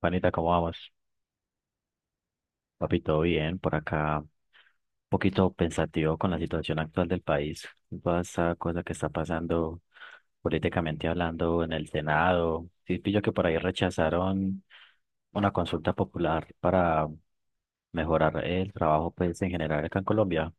Panita, ¿cómo vamos? Papi, todo bien por acá. Un poquito pensativo con la situación actual del país. Toda esa cosa que está pasando políticamente hablando en el Senado. Sí, pillo que por ahí rechazaron una consulta popular para mejorar el trabajo, pues, en general acá en Colombia.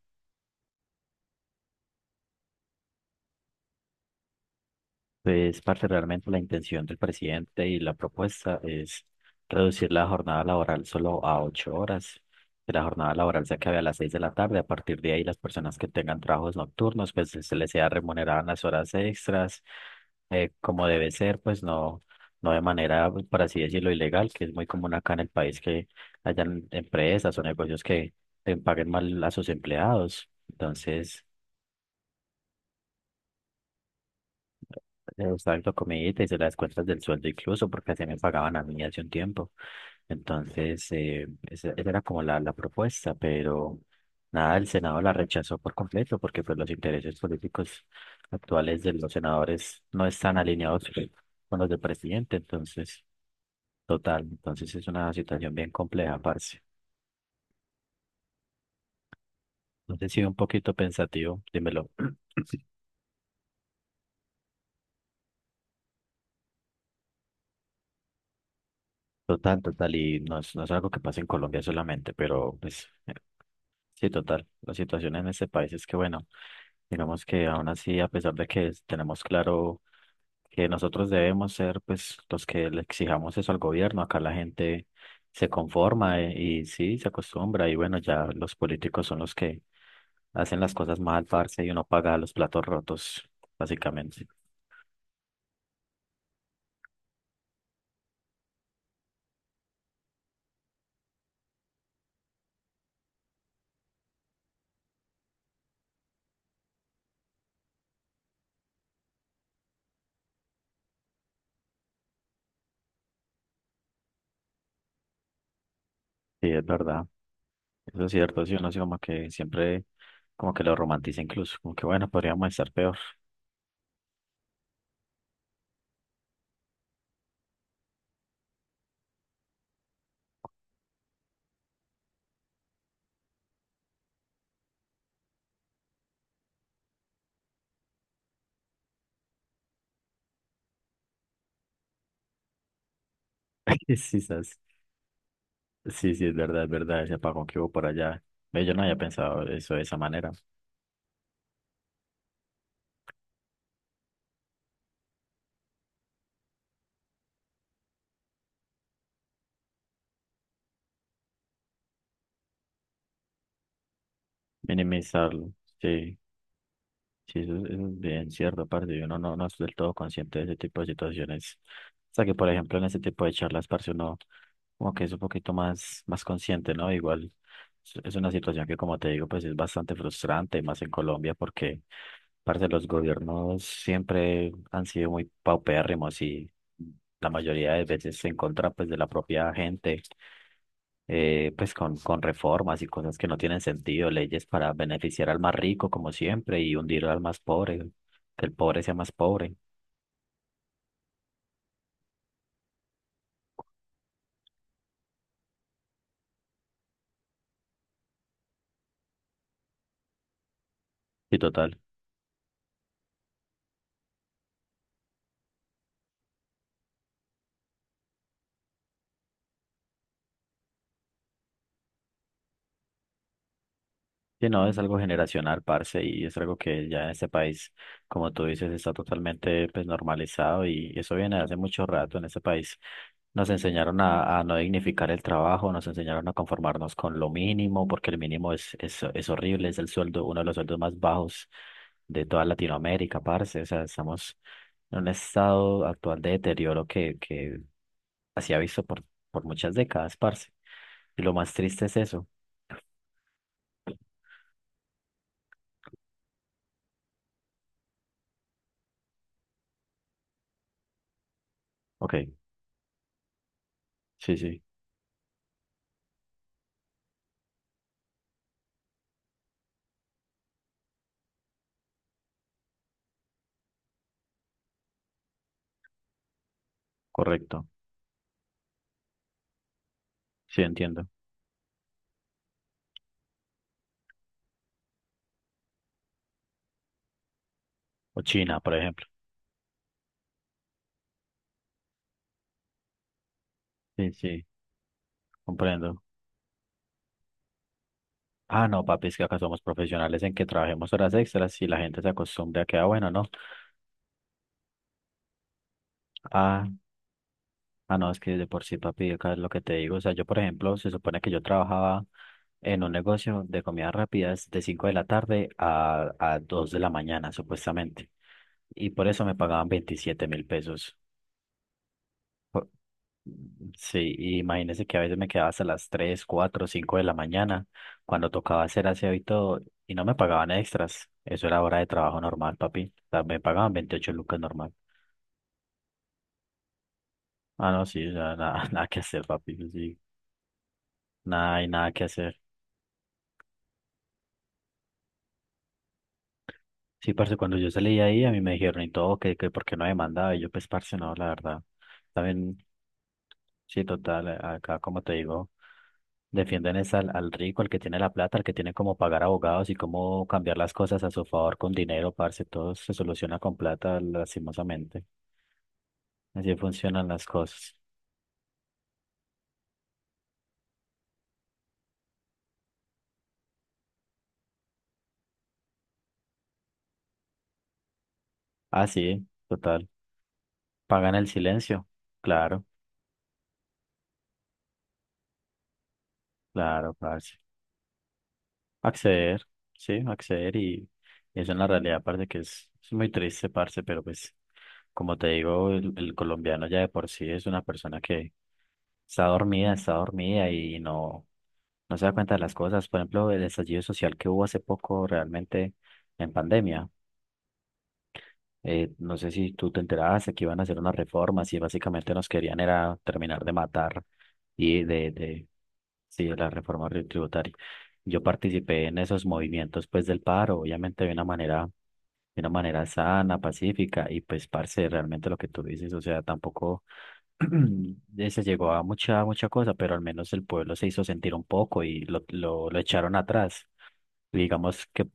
Pues, parte realmente la intención del presidente y la propuesta es reducir la jornada laboral solo a 8 horas, que la jornada laboral se acabe a las 6 de la tarde. A partir de ahí, las personas que tengan trabajos nocturnos, pues se les sea remunerada en las horas extras, como debe ser, pues no, no de manera, pues, por así decirlo, ilegal, que es muy común acá en el país que hayan empresas o negocios que paguen mal a sus empleados. Entonces, le gustaba la comidita y se las cuentas del sueldo incluso, porque así me pagaban a mí hace un tiempo. Entonces, esa era como la propuesta, pero nada, el Senado la rechazó por completo, porque pues los intereses políticos actuales de los senadores no están alineados con los del presidente. Entonces, total, entonces es una situación bien compleja, parce. Entonces, sí, un poquito pensativo, dímelo. Total, total, y no es algo que pasa en Colombia solamente, pero pues sí, total. La situación en este país es que, bueno, digamos que aún así, a pesar de que tenemos claro que nosotros debemos ser, pues, los que le exijamos eso al gobierno, acá la gente se conforma, y, sí, se acostumbra y bueno, ya los políticos son los que hacen las cosas mal, parce, y uno paga los platos rotos, básicamente. Sí, es verdad. Eso es cierto, sí, uno sí como que siempre como que lo romantiza incluso, como que bueno, podríamos estar peor. Sí, sí, sí, sí, es verdad, ese apagón que hubo por allá. Ve, yo no había pensado eso de esa manera, minimizarlo. Sí, sí, eso, es, eso es bien cierto, parce. Y uno no, no es del todo consciente de ese tipo de situaciones. O sea que, por ejemplo, en ese tipo de charlas, parce, uno como que es un poquito más, más consciente, ¿no? Igual es una situación que, como te digo, pues es bastante frustrante, y más en Colombia, porque, parce, los gobiernos siempre han sido muy paupérrimos y la mayoría de veces en contra, pues, de la propia gente. Pues con reformas y cosas que no tienen sentido, leyes para beneficiar al más rico como siempre y hundir al más pobre, que el pobre sea más pobre y total. Sí, no, es algo generacional, parce, y es algo que ya en este país, como tú dices, está totalmente, pues, normalizado y eso viene de hace mucho rato en este país. Nos enseñaron a no dignificar el trabajo, nos enseñaron a conformarnos con lo mínimo, porque el mínimo es horrible, es el sueldo, uno de los sueldos más bajos de toda Latinoamérica, parce. O sea, estamos en un estado actual de deterioro que así ha visto por muchas décadas, parce. Y lo más triste es eso. Ok, sí, sí, correcto. Sí, entiendo. O China, por ejemplo. Sí, sí, comprendo. Ah, no, papi, es que acá somos profesionales en que trabajemos horas extras y la gente se acostumbra a que, ah, bueno, no. Ah, no, es que de por sí, papi, acá es lo que te digo. O sea, yo, por ejemplo, se supone que yo trabajaba en un negocio de comidas rápidas de 5 de la tarde a 2 de la mañana, supuestamente. Y por eso me pagaban 27.000 pesos. Sí, y imagínese que a veces me quedaba hasta las 3, 4, 5 de la mañana cuando tocaba hacer aseo y todo, y no me pagaban extras. Eso era hora de trabajo normal, papi. O sea, me pagaban 28 lucas normal. Ah, no, sí, o sea, nada, nada que hacer, papi. Sí, nada, hay nada que hacer. Sí, parce, cuando yo salí de ahí, a mí me dijeron y todo, que por qué no demandaba. Y yo, pues, parce, no, la verdad. También sí, total, acá como te digo, defienden es al, al rico, al que tiene la plata, al que tiene cómo pagar abogados y cómo cambiar las cosas a su favor con dinero, parce, todo se soluciona con plata, lastimosamente. Así funcionan las cosas. Ah, sí, total. Pagan el silencio. Claro, claro, parce, acceder, sí, acceder, y eso en la realidad parece que es muy triste, parce, pero pues como te digo, el colombiano ya de por sí es una persona que está dormida y no, no se da cuenta de las cosas. Por ejemplo, el estallido social que hubo hace poco realmente en pandemia. No sé si tú te enteraste que iban a hacer unas reformas y básicamente nos querían era terminar de matar y sí, de la reforma tributaria. Yo participé en esos movimientos, pues, del paro, obviamente de una manera sana, pacífica y pues parce, realmente lo que tú dices, o sea, tampoco se llegó a mucha, mucha cosa, pero al menos el pueblo se hizo sentir un poco y lo echaron atrás. Digamos que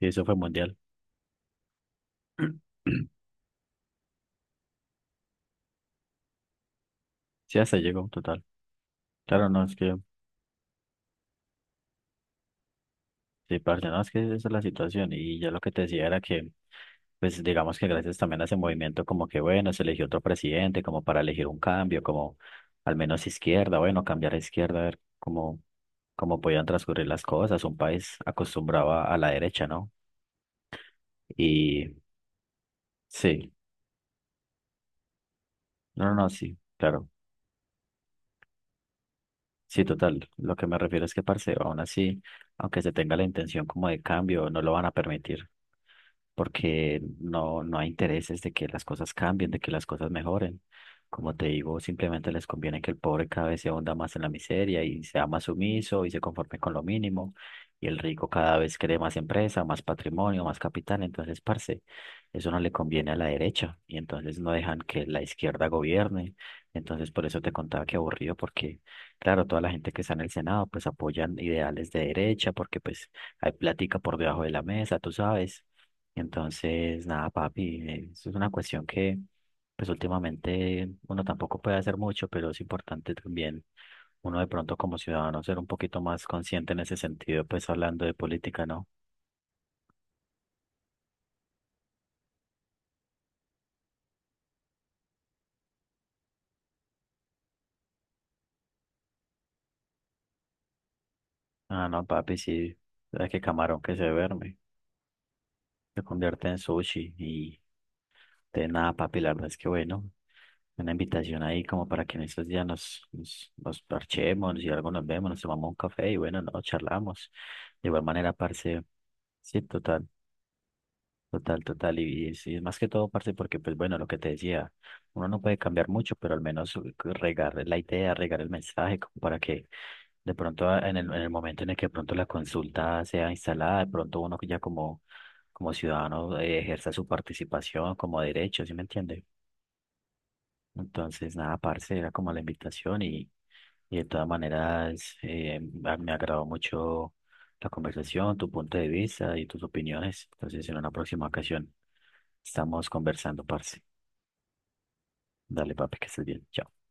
eso fue mundial. Sí, hasta ahí llegó total. Claro, no, es que, sí, parce, no, es que esa es la situación. Y ya lo que te decía era que, pues digamos que gracias también a ese movimiento, como que bueno, se eligió otro presidente, como para elegir un cambio, como al menos izquierda, bueno, cambiar a izquierda, a ver cómo, cómo podían transcurrir las cosas. Un país acostumbrado a la derecha, ¿no? Y sí, no, no, no, sí, claro. Sí, total. Lo que me refiero es que, parce, aún así, aunque se tenga la intención como de cambio, no lo van a permitir porque no, no hay intereses de que las cosas cambien, de que las cosas mejoren. Como te digo, simplemente les conviene que el pobre cada vez se hunda más en la miseria y sea más sumiso y se conforme con lo mínimo. Y el rico cada vez cree más empresa, más patrimonio, más capital. Entonces, parce, eso no le conviene a la derecha. Y entonces no dejan que la izquierda gobierne. Entonces, por eso te contaba, que aburrido, porque claro, toda la gente que está en el Senado pues apoyan ideales de derecha porque pues hay plática por debajo de la mesa, tú sabes. Entonces, nada, papi, eso es una cuestión que, pues, últimamente uno tampoco puede hacer mucho, pero es importante también uno de pronto como ciudadano ser un poquito más consciente en ese sentido, pues hablando de política, ¿no? Ah, no, papi, sí, sabes que camarón que se duerme se convierte en sushi y. De nada, papi, la verdad es que, bueno, una invitación ahí como para que en estos días nos parchemos y algo nos vemos, nos tomamos un café y bueno, no, charlamos. De igual manera, parce, sí, total, total, total. Y, y es más que todo, parce, porque pues, bueno, lo que te decía, uno no puede cambiar mucho, pero al menos regar la idea, regar el mensaje, como para que de pronto, ah, en el momento en el que de pronto la consulta sea instalada, de pronto uno que ya como, como ciudadano ejerza su participación como derecho, ¿sí me entiende? Entonces, nada, parce, era como la invitación y de todas maneras, me agradó mucho la conversación, tu punto de vista y tus opiniones. Entonces, en una próxima ocasión estamos conversando, parce. Dale, papi, que estés bien. Chao.